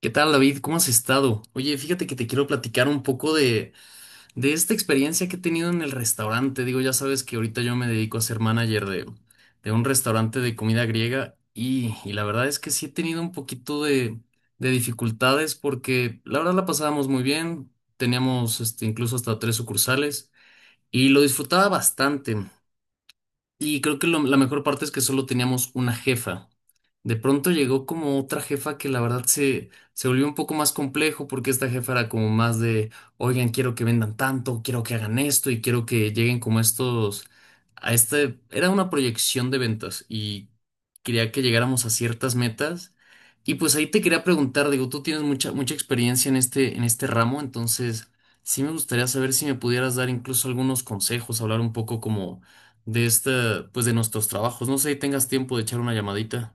¿Qué tal, David? ¿Cómo has estado? Oye, fíjate que te quiero platicar un poco de esta experiencia que he tenido en el restaurante. Digo, ya sabes que ahorita yo me dedico a ser manager de un restaurante de comida griega y la verdad es que sí he tenido un poquito de dificultades porque la verdad la pasábamos muy bien. Teníamos este, incluso hasta tres sucursales y lo disfrutaba bastante. Y creo que la mejor parte es que solo teníamos una jefa. De pronto llegó como otra jefa que la verdad se volvió un poco más complejo porque esta jefa era como más de, oigan, quiero que vendan tanto, quiero que hagan esto y quiero que lleguen como estos, a este, era una proyección de ventas y quería que llegáramos a ciertas metas. Y pues ahí te quería preguntar, digo, tú tienes mucha, mucha experiencia en este ramo, entonces sí me gustaría saber si me pudieras dar incluso algunos consejos, hablar un poco como de esta, pues de nuestros trabajos. No sé si tengas tiempo de echar una llamadita.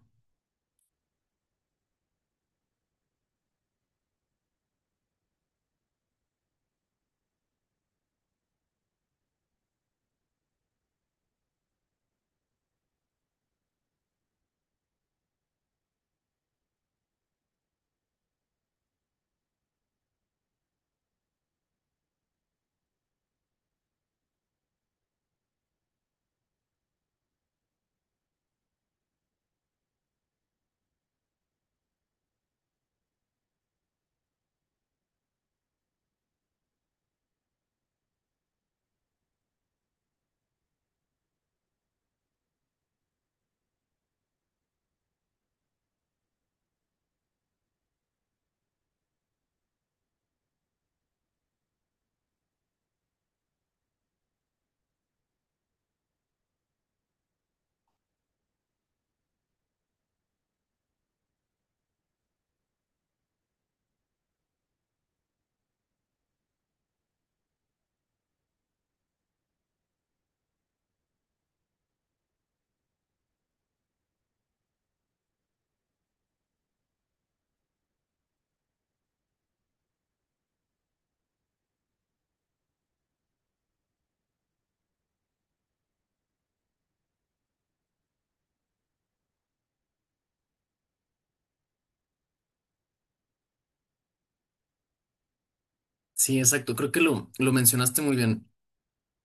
Sí, exacto. Creo que lo mencionaste muy bien.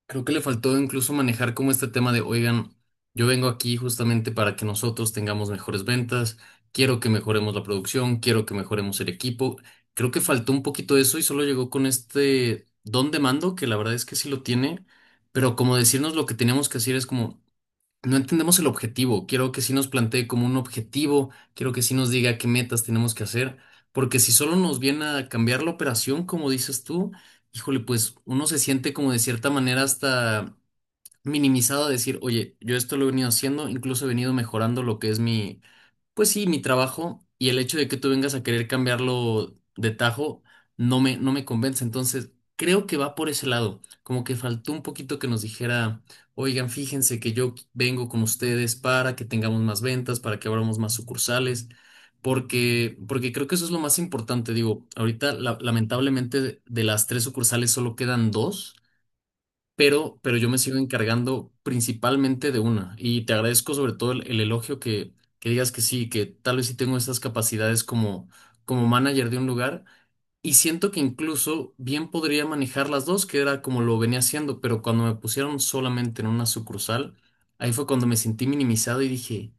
Creo que le faltó incluso manejar como este tema de, oigan, yo vengo aquí justamente para que nosotros tengamos mejores ventas, quiero que mejoremos la producción, quiero que mejoremos el equipo. Creo que faltó un poquito eso y solo llegó con este don de mando, que la verdad es que sí lo tiene, pero como decirnos lo que teníamos que hacer es como... No entendemos el objetivo. Quiero que sí nos plantee como un objetivo, quiero que sí nos diga qué metas tenemos que hacer, porque si solo nos viene a cambiar la operación, como dices tú, híjole, pues uno se siente como de cierta manera hasta minimizado a decir, oye, yo esto lo he venido haciendo, incluso he venido mejorando lo que es mi, pues sí, mi trabajo y el hecho de que tú vengas a querer cambiarlo de tajo no me convence. Entonces, creo que va por ese lado. Como que faltó un poquito que nos dijera, oigan, fíjense que yo vengo con ustedes para que tengamos más ventas, para que abramos más sucursales, porque creo que eso es lo más importante. Digo, ahorita lamentablemente de las tres sucursales solo quedan dos pero yo me sigo encargando principalmente de una. Y te agradezco sobre todo el elogio que digas que sí, que tal vez sí tengo estas capacidades como, como manager de un lugar. Y siento que incluso bien podría manejar las dos, que era como lo venía haciendo, pero cuando me pusieron solamente en una sucursal, ahí fue cuando me sentí minimizado y dije,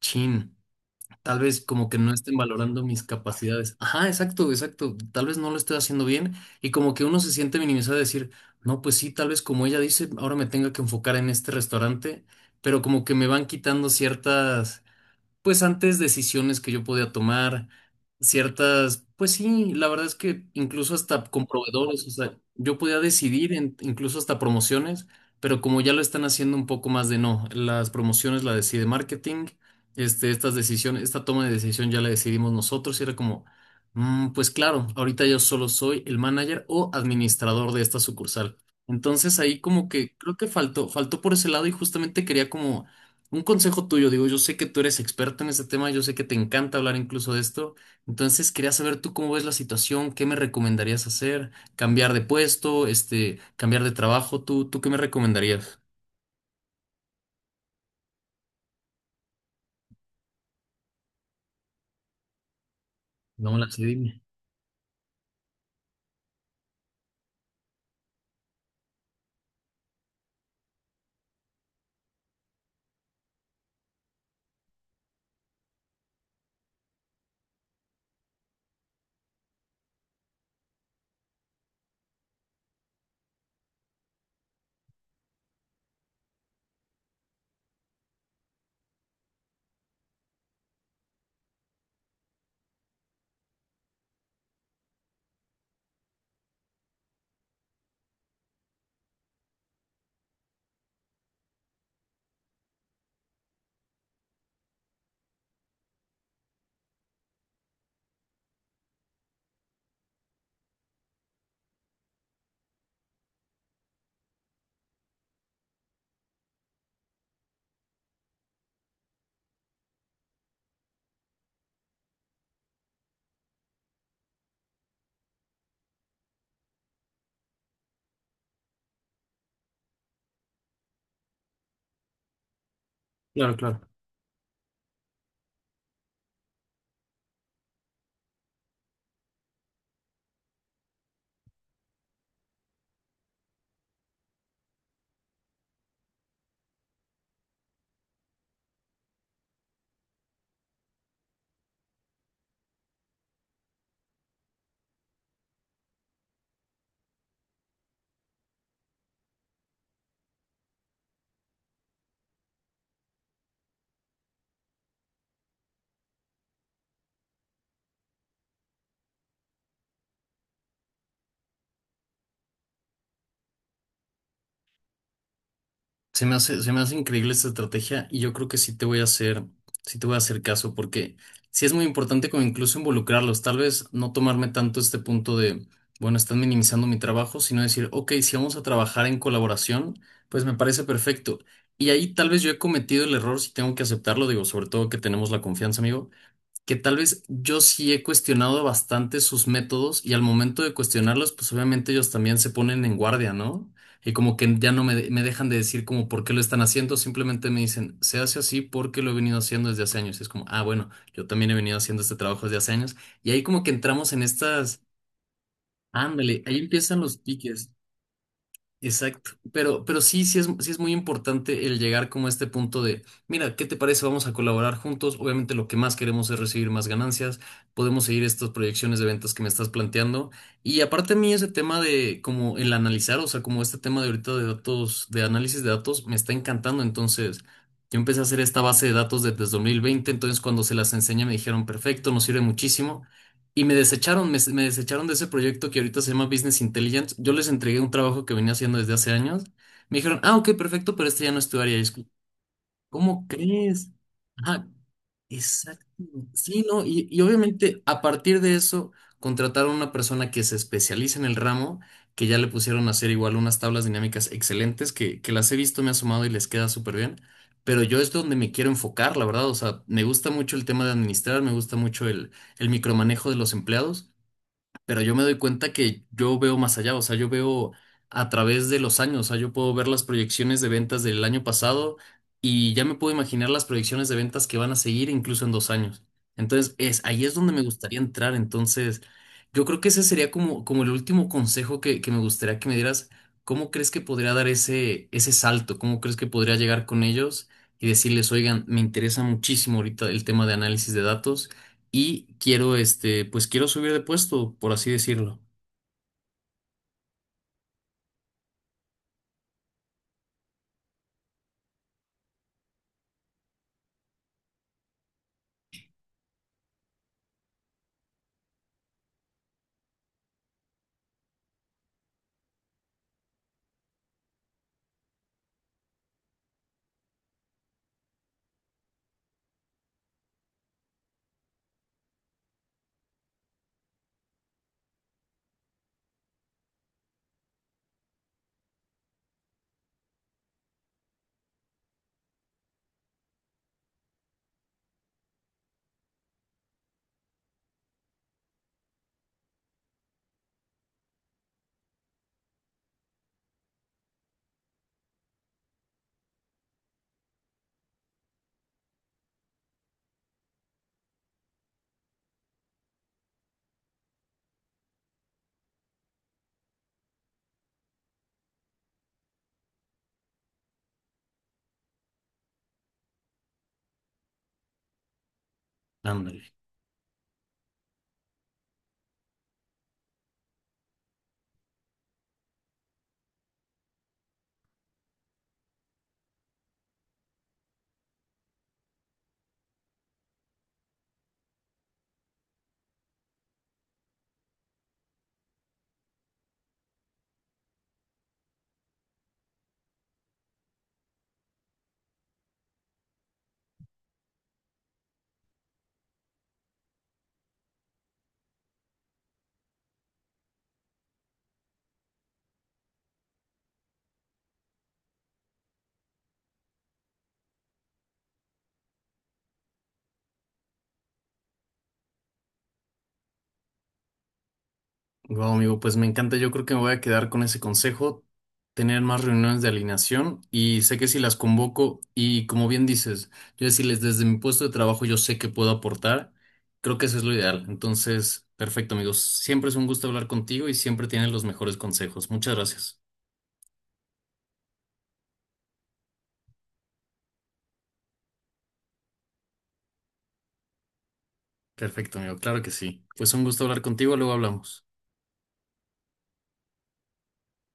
chin. Tal vez como que no estén valorando mis capacidades. Ajá, exacto, exacto. Tal vez no lo estoy haciendo bien y como que uno se siente minimizado de decir, no, pues sí, tal vez como ella dice, ahora me tenga que enfocar en este restaurante, pero como que me van quitando ciertas pues antes decisiones que yo podía tomar, ciertas, pues sí, la verdad es que incluso hasta con proveedores, o sea, yo podía decidir incluso hasta promociones, pero como ya lo están haciendo un poco más de no, las promociones la decide marketing, este, estas decisiones, esta toma de decisión ya la decidimos nosotros y era como, pues claro, ahorita yo solo soy el manager o administrador de esta sucursal. Entonces ahí como que creo que faltó, faltó por ese lado y justamente quería como un consejo tuyo, digo, yo sé que tú eres experto en este tema, yo sé que te encanta hablar incluso de esto, entonces quería saber tú cómo ves la situación, qué me recomendarías hacer, cambiar de puesto, este, cambiar de trabajo, tú qué me recomendarías? No, la sé, dime. Claro, claro. Se me hace increíble esta estrategia y yo creo que sí te voy a hacer caso porque sí es muy importante como incluso involucrarlos, tal vez no tomarme tanto este punto de, bueno, están minimizando mi trabajo, sino decir, ok, si vamos a trabajar en colaboración, pues me parece perfecto. Y ahí tal vez yo he cometido el error, si tengo que aceptarlo, digo, sobre todo que tenemos la confianza, amigo que tal vez yo sí he cuestionado bastante sus métodos y al momento de cuestionarlos, pues obviamente ellos también se ponen en guardia, ¿no? Y como que ya no me, me dejan de decir como por qué lo están haciendo, simplemente me dicen, se hace así porque lo he venido haciendo desde hace años. Y es como, ah, bueno, yo también he venido haciendo este trabajo desde hace años. Y ahí como que entramos en estas, ándale, ahí empiezan los piques. Exacto, pero sí, sí es muy importante el llegar como a este punto de, mira, ¿qué te parece? Vamos a colaborar juntos. Obviamente lo que más queremos es recibir más ganancias, podemos seguir estas proyecciones de ventas que me estás planteando. Y aparte a mí ese tema de como el analizar, o sea, como este tema de ahorita de datos, de análisis de datos, me está encantando. Entonces, yo empecé a hacer esta base de datos desde 2020, entonces cuando se las enseñé me dijeron, perfecto, nos sirve muchísimo. Y me desecharon, me desecharon de ese proyecto que ahorita se llama Business Intelligence. Yo les entregué un trabajo que venía haciendo desde hace años. Me dijeron, ah, ok, perfecto, pero este ya no es tu área. ¿Cómo crees? Ajá, exacto. Sí, ¿no? Y obviamente a partir de eso contrataron a una persona que se especializa en el ramo, que ya le pusieron a hacer igual unas tablas dinámicas excelentes, que las he visto, me he asomado y les queda súper bien. Pero yo es donde me quiero enfocar, la verdad. O sea, me gusta mucho el tema de administrar, me gusta mucho el micromanejo de los empleados pero yo me doy cuenta que yo veo más allá, o sea, yo veo a través de los años, o sea, yo puedo ver las proyecciones de ventas del año pasado y ya me puedo imaginar las proyecciones de ventas que van a seguir incluso en 2 años. Entonces, es, ahí es donde me gustaría entrar. Entonces, yo creo que ese sería como, como el último consejo que me gustaría que me dieras. ¿Cómo crees que podría dar ese salto? ¿Cómo crees que podría llegar con ellos y decirles, oigan, me interesa muchísimo ahorita el tema de análisis de datos? Y quiero, este, pues quiero subir de puesto, por así decirlo. Ándale. Wow, amigo, pues me encanta. Yo creo que me voy a quedar con ese consejo, tener más reuniones de alineación y sé que si las convoco y como bien dices, yo decirles desde mi puesto de trabajo yo sé que puedo aportar, creo que eso es lo ideal. Entonces, perfecto, amigos. Siempre es un gusto hablar contigo y siempre tienes los mejores consejos. Muchas gracias. Perfecto, amigo. Claro que sí. Pues un gusto hablar contigo, luego hablamos.